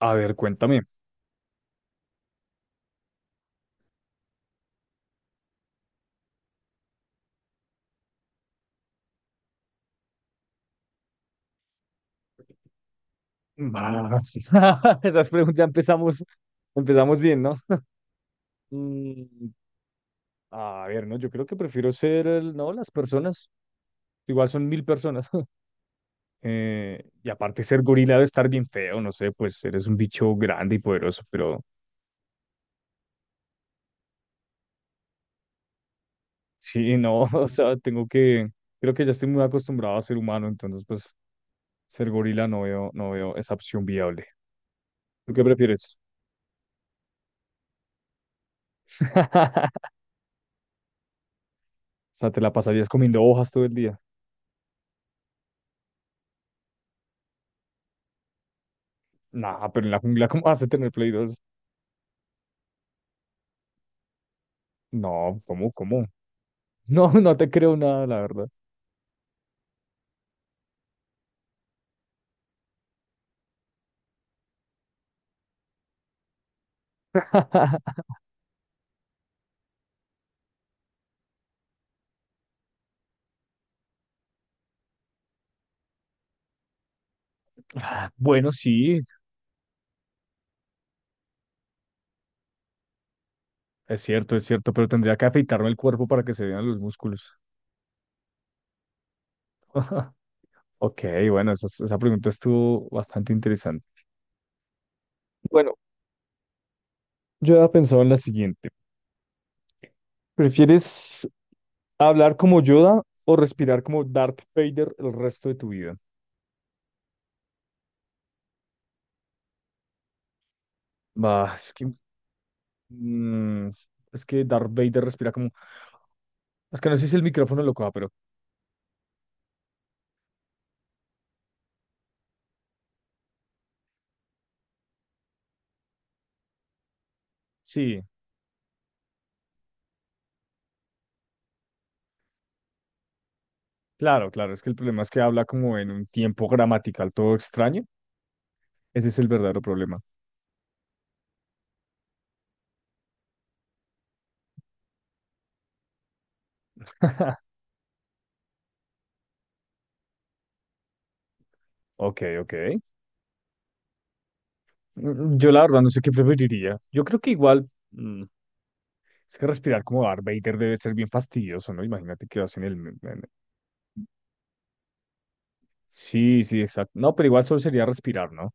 A ver, cuéntame. Bah, esas preguntas, ya empezamos bien, ¿no? Mm, a ver, no, yo creo que prefiero ser el, no, las personas. Igual son 1000 personas. Y aparte ser gorila debe estar bien feo, no sé, pues eres un bicho grande y poderoso, pero sí, no, o sea, tengo que, creo que ya estoy muy acostumbrado a ser humano, entonces pues ser gorila no veo, no veo esa opción viable. ¿Tú qué prefieres? O sea, te la pasarías comiendo hojas todo el día. Nah, pero en la jungla, ¿cómo vas a tener Play dos? No, ¿cómo? No, no te creo nada, la verdad. Ah, bueno, sí, es cierto, pero tendría que afeitarme el cuerpo para que se vean los músculos. Ok, bueno, esa pregunta estuvo bastante interesante. Bueno, yo había pensado en la siguiente. ¿Prefieres hablar como Yoda o respirar como Darth Vader el resto de tu vida? Bah, es que… Mm, es que Darth Vader respira como... Es que no sé si el micrófono lo coja, pero sí, claro, claro. Es que el problema es que habla como en un tiempo gramatical todo extraño. Ese es el verdadero problema. Ok, ok. Yo la verdad no sé qué preferiría. Yo creo que igual... es que respirar como Darth Vader debe ser bien fastidioso, ¿no? Imagínate que vas en el... en- Sí, sí, exacto. No, pero igual solo sería respirar, ¿no?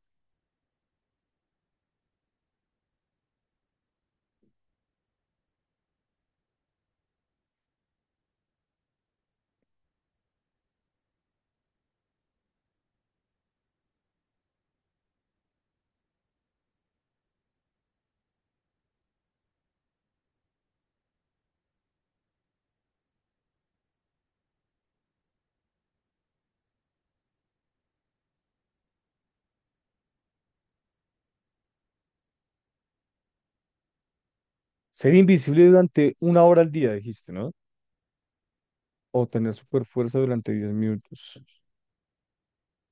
¿Ser invisible durante 1 hora al día, dijiste, ¿no? O tener super fuerza durante 10 minutos.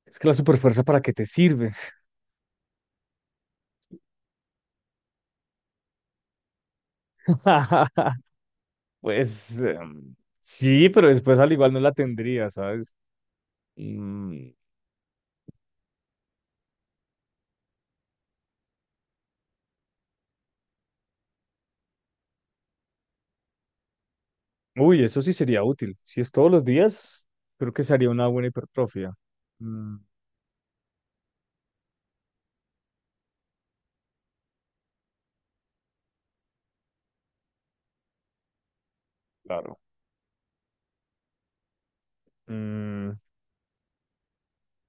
Es que la superfuerza, ¿para qué te sirve? Pues sí, pero después al igual no la tendría, ¿sabes? Mm, uy, eso sí sería útil. Si es todos los días, creo que sería una buena hipertrofia. Mm, claro. Mm,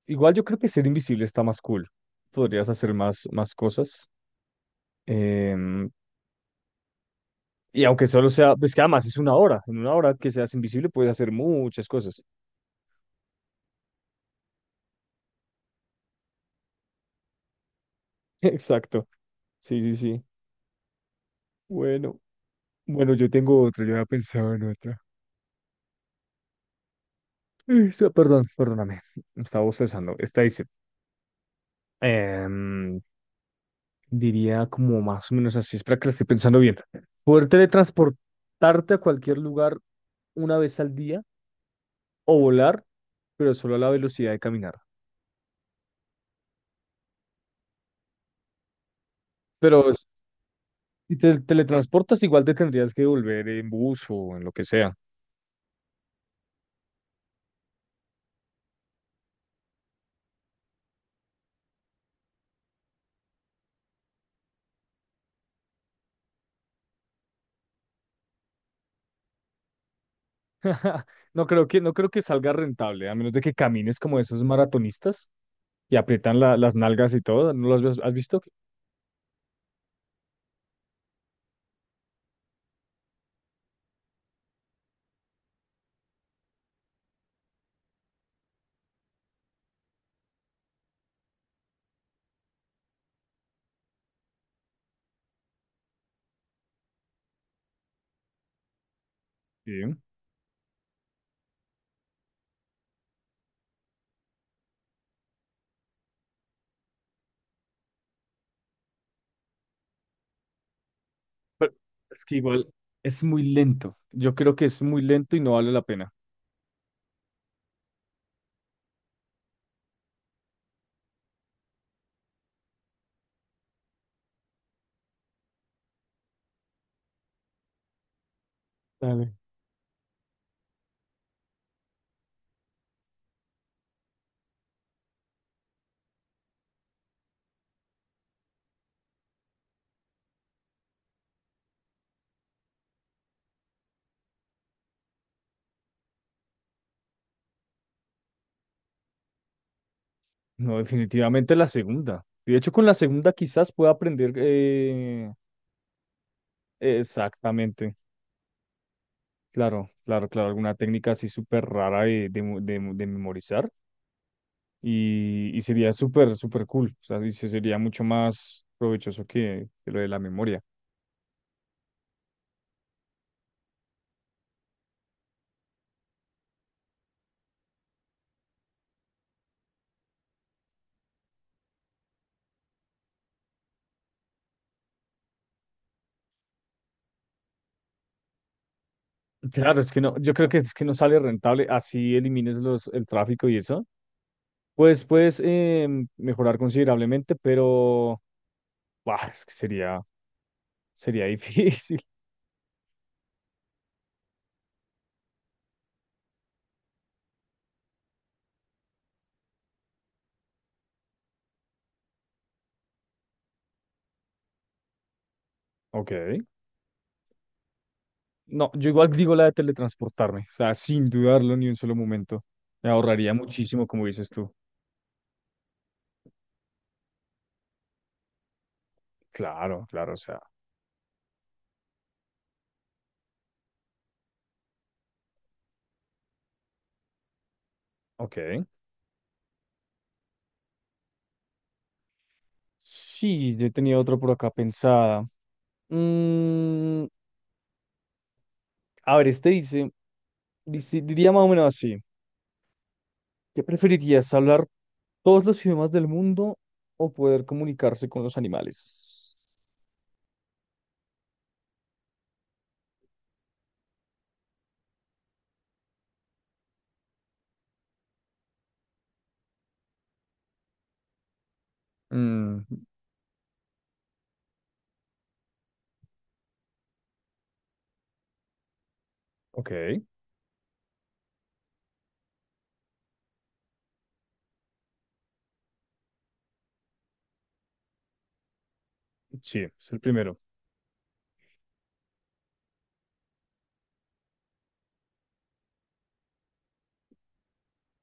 igual yo creo que ser invisible está más cool. Podrías hacer más cosas. Em, y aunque solo sea, pues que además es 1 hora. En 1 hora que seas invisible puedes hacer muchas cosas. Exacto. Sí, sí, sí. Bueno, bueno, yo tengo otra, yo había pensado en otra. Perdón, perdóname, estaba bostezando. Esta dice, em, diría como más o menos así, espera que la estoy pensando bien. Poder teletransportarte a cualquier lugar 1 vez al día o volar, pero solo a la velocidad de caminar. Pero es- si te teletransportas, igual te tendrías que volver en bus o en lo que sea. No creo que, no creo que salga rentable, a menos de que camines como esos maratonistas que aprietan las nalgas y todo. ¿No lo has, has visto? Sí. Es que igual es muy lento. Yo creo que es muy lento y no vale la pena. Dale. No, definitivamente la segunda. De hecho, con la segunda quizás pueda aprender exactamente. Claro, claro, claro. Alguna técnica así súper rara de, de memorizar. Y sería súper, súper cool. O sea, dice, sería mucho más provechoso que lo de la memoria. Claro, es que no, yo creo que es que no sale rentable. Así elimines los, el tráfico y eso. Pues puedes mejorar considerablemente, pero. Buah, es que sería, sería difícil. Ok. No, yo igual digo la de teletransportarme, o sea, sin dudarlo ni un solo momento. Me ahorraría muchísimo, como dices tú. Claro, claro, o sea, ok. Sí, yo tenía otro por acá pensada. Mm, a ver, este dice, diría más o menos así. ¿Qué preferirías, hablar todos los idiomas del mundo o poder comunicarse con los animales? Mm, ok, sí, es el primero.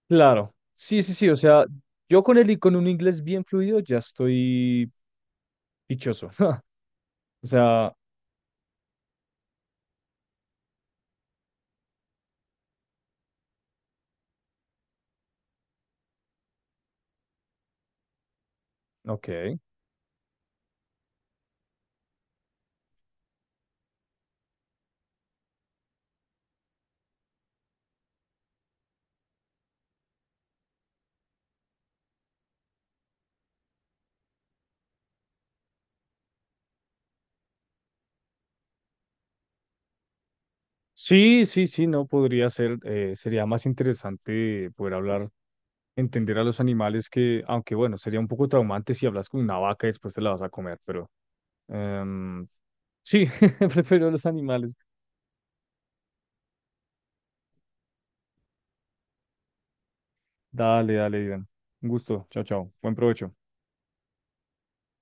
Claro, sí, sí, sí, o sea, yo con el, con un inglés bien fluido ya estoy dichoso. O sea, ok. Sí, sí, sí, no podría ser, sería más interesante poder hablar, entender a los animales que, aunque bueno, sería un poco traumante si hablas con una vaca y después te la vas a comer, pero em, sí, prefiero los animales. Dale, dale, Iván. Un gusto, chao, chao, buen provecho.